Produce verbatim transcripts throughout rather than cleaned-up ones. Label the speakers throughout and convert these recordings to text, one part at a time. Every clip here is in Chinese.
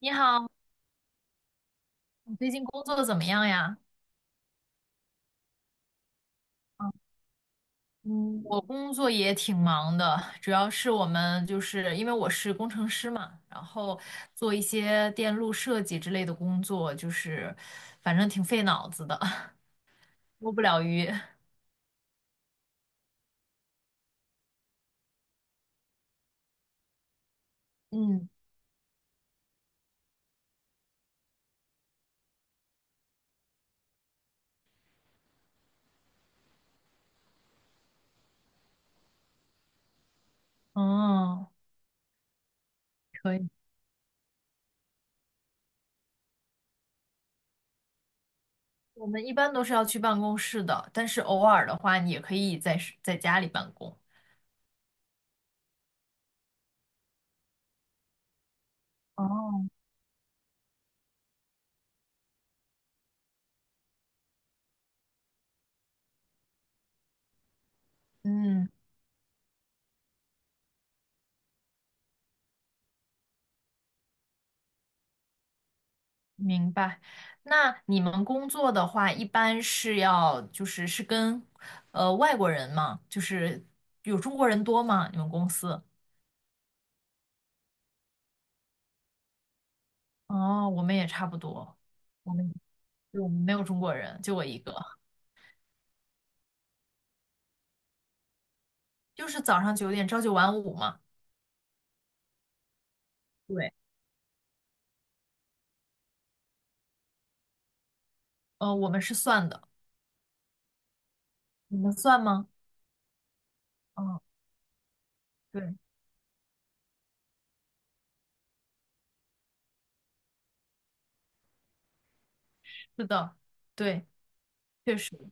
Speaker 1: 你好，你最近工作怎么样呀？嗯，我工作也挺忙的，主要是我们就是因为我是工程师嘛，然后做一些电路设计之类的工作，就是反正挺费脑子的，摸不了鱼。嗯，哦，可以。我们一般都是要去办公室的，但是偶尔的话，你也可以在在家里办公。哦，嗯。明白。那你们工作的话，一般是要就是是跟呃外国人嘛，就是有中国人多吗？你们公司？哦，我们也差不多，我们对我们没有中国人，就我一个，就是早上九点朝九晚五嘛。对，呃，我们是算的，你们算吗？嗯，对，是的，对，确实。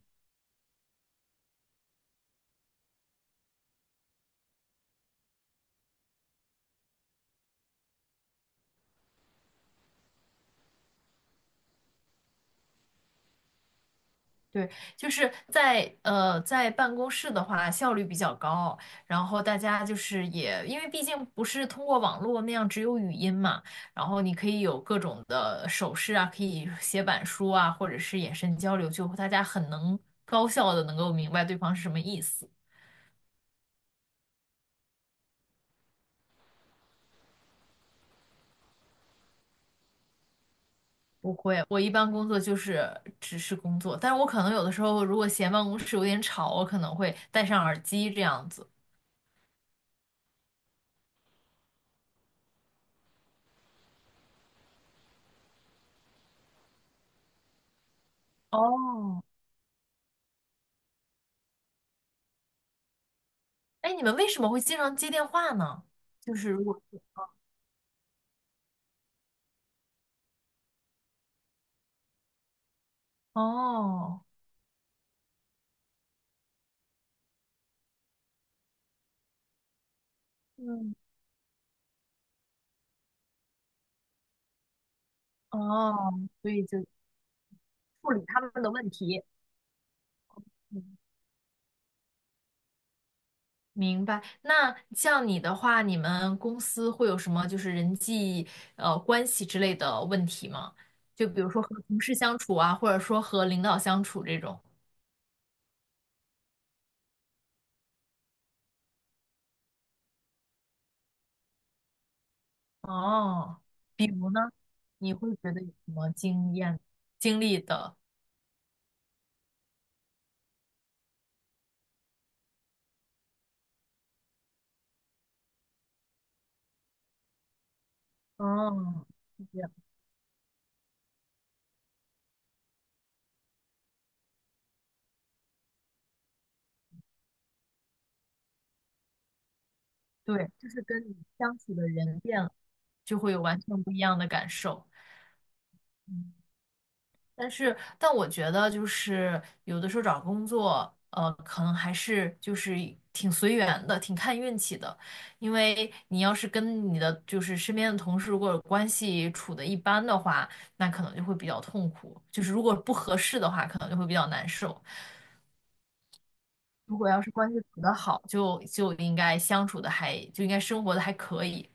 Speaker 1: 对，就是在呃，在办公室的话，效率比较高，然后大家就是也，因为毕竟不是通过网络那样只有语音嘛，然后你可以有各种的手势啊，可以写板书啊，或者是眼神交流，就大家很能高效的能够明白对方是什么意思。不会，我一般工作就是只是工作，但是我可能有的时候如果嫌办公室有点吵，我可能会戴上耳机这样子。哦，哎，你们为什么会经常接电话呢？就是如果是哦，嗯，哦，所以就处理他们的问题。嗯明白。那像你的话，你们公司会有什么就是人际呃关系之类的问题吗？就比如说和同事相处啊，或者说和领导相处这种。哦，比如呢，你会觉得有什么经验经历的？哦，是这样对，就是跟你相处的人变了，就会有完全不一样的感受。嗯，但是，但我觉得就是有的时候找工作，呃，可能还是就是挺随缘的，挺看运气的。因为你要是跟你的就是身边的同事如果关系处的一般的话，那可能就会比较痛苦。就是如果不合适的话，可能就会比较难受。如果要是关系处得好，就就应该相处的还就应该生活的还可以。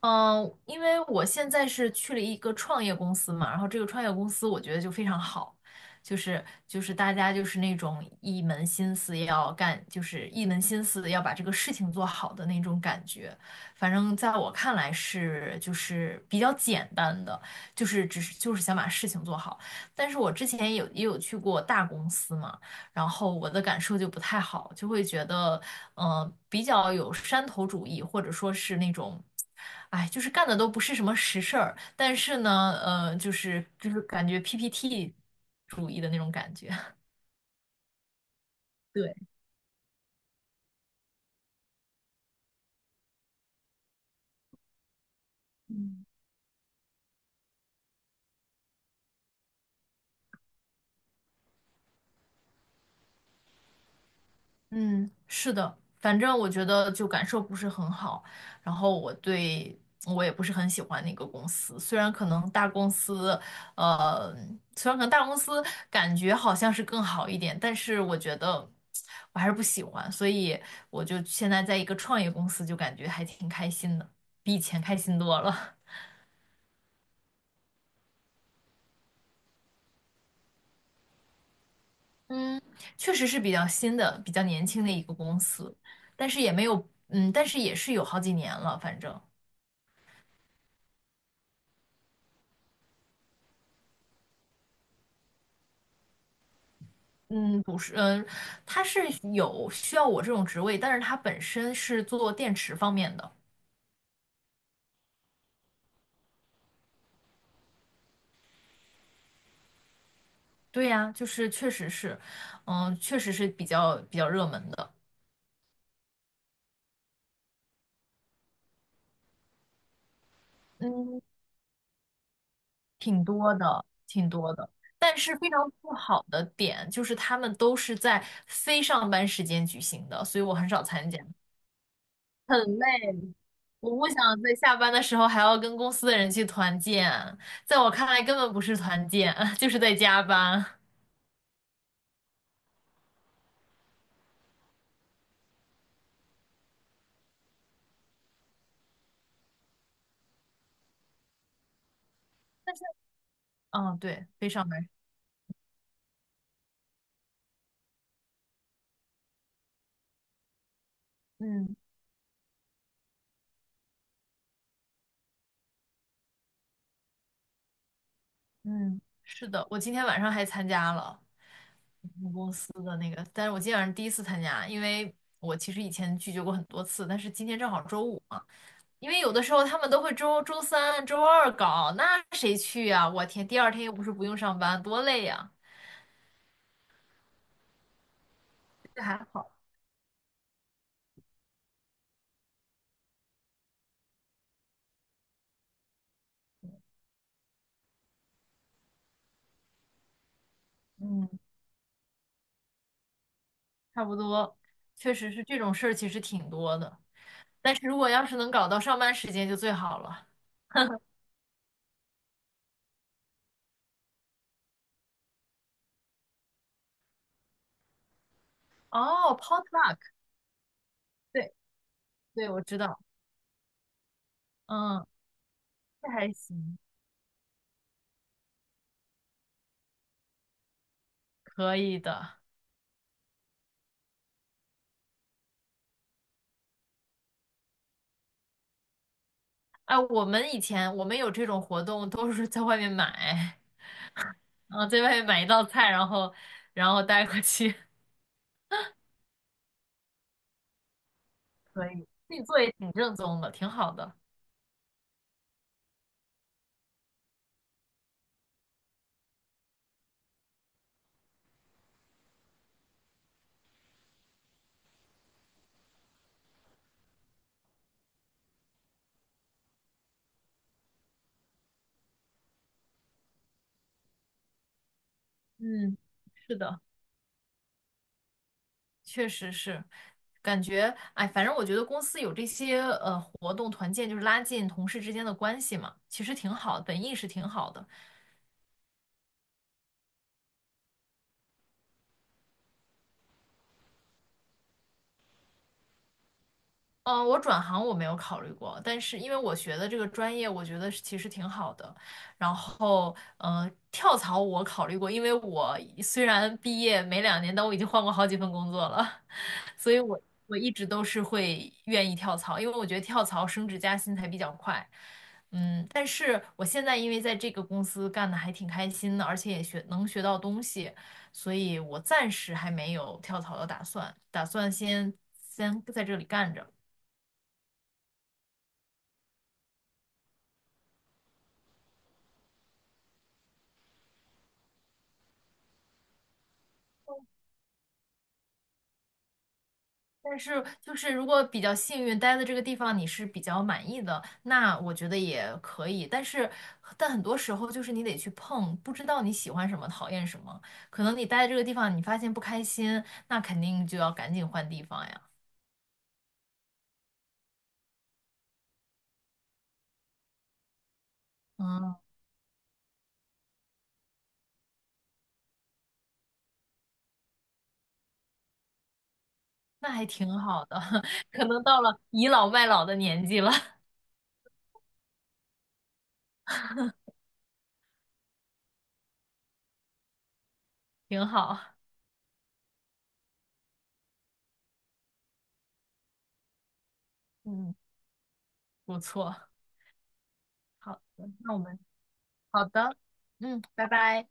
Speaker 1: 嗯，因为我现在是去了一个创业公司嘛，然后这个创业公司我觉得就非常好，就是就是大家就是那种一门心思要干，就是一门心思要把这个事情做好的那种感觉。反正在我看来是就是比较简单的，就是只是就是想把事情做好。但是我之前也有也有去过大公司嘛，然后我的感受就不太好，就会觉得。呃，比较有山头主义，或者说是那种，哎，就是干的都不是什么实事儿，但是呢，呃，就是就是感觉 P P T 主义的那种感觉。对。嗯，是的，反正我觉得就感受不是很好，然后我对我也不是很喜欢那个公司，虽然可能大公司，呃，虽然可能大公司感觉好像是更好一点，但是我觉得我还是不喜欢，所以我就现在在一个创业公司，就感觉还挺开心的，比以前开心多了。嗯，确实是比较新的、比较年轻的一个公司，但是也没有，嗯，但是也是有好几年了，反正。嗯，不是，嗯、呃他是有需要我这种职位，但是他本身是做电池方面的。对呀，就是确实是，嗯、确实是比较比较热门的，嗯，挺多的，挺多的。但是非常不好的点就是他们都是在非上班时间举行的，所以我很少参加，很累。我不想在下班的时候还要跟公司的人去团建，在我看来根本不是团建，就是在加班。嗯，对，非上班。嗯。嗯，是的，我今天晚上还参加了司的那个，但是我今天晚上第一次参加，因为我其实以前拒绝过很多次，但是今天正好周五嘛，因为有的时候他们都会周周三、周二搞，那谁去呀？我天，第二天又不是不用上班，多累呀！这还好，嗯，差不多，确实是这种事儿，其实挺多的，但是如果要是能搞到上班时间就最好了。哦，potluck，对对，我知道，嗯，这还行，可以的。哎，我们以前我们有这种活动，都是在外面买，啊，在外面买一道菜，然后然后带过去，可以自己做也挺正宗的，挺好的。嗯，是的，确实是，感觉哎，反正我觉得公司有这些呃活动团建，就是拉近同事之间的关系嘛，其实挺好的，本意是挺好的。嗯，呃我转行我没有考虑过，但是因为我学的这个专业，我觉得是其实挺好的。然后，嗯、跳槽我考虑过，因为我虽然毕业没两年，但我已经换过好几份工作了，所以我我一直都是会愿意跳槽，因为我觉得跳槽升职加薪才比较快。嗯，但是我现在因为在这个公司干的还挺开心的，而且也学能学到东西，所以我暂时还没有跳槽的打算，打算先先在这里干着。但是就是如果比较幸运待的这个地方你是比较满意的，那我觉得也可以。但是，但很多时候就是你得去碰，不知道你喜欢什么，讨厌什么。可能你待在这个地方，你发现不开心，那肯定就要赶紧换地方呀。嗯，那还挺好的，可能到了倚老卖老的年纪了，挺好。嗯，不错。好的，那我们好的，嗯，拜拜。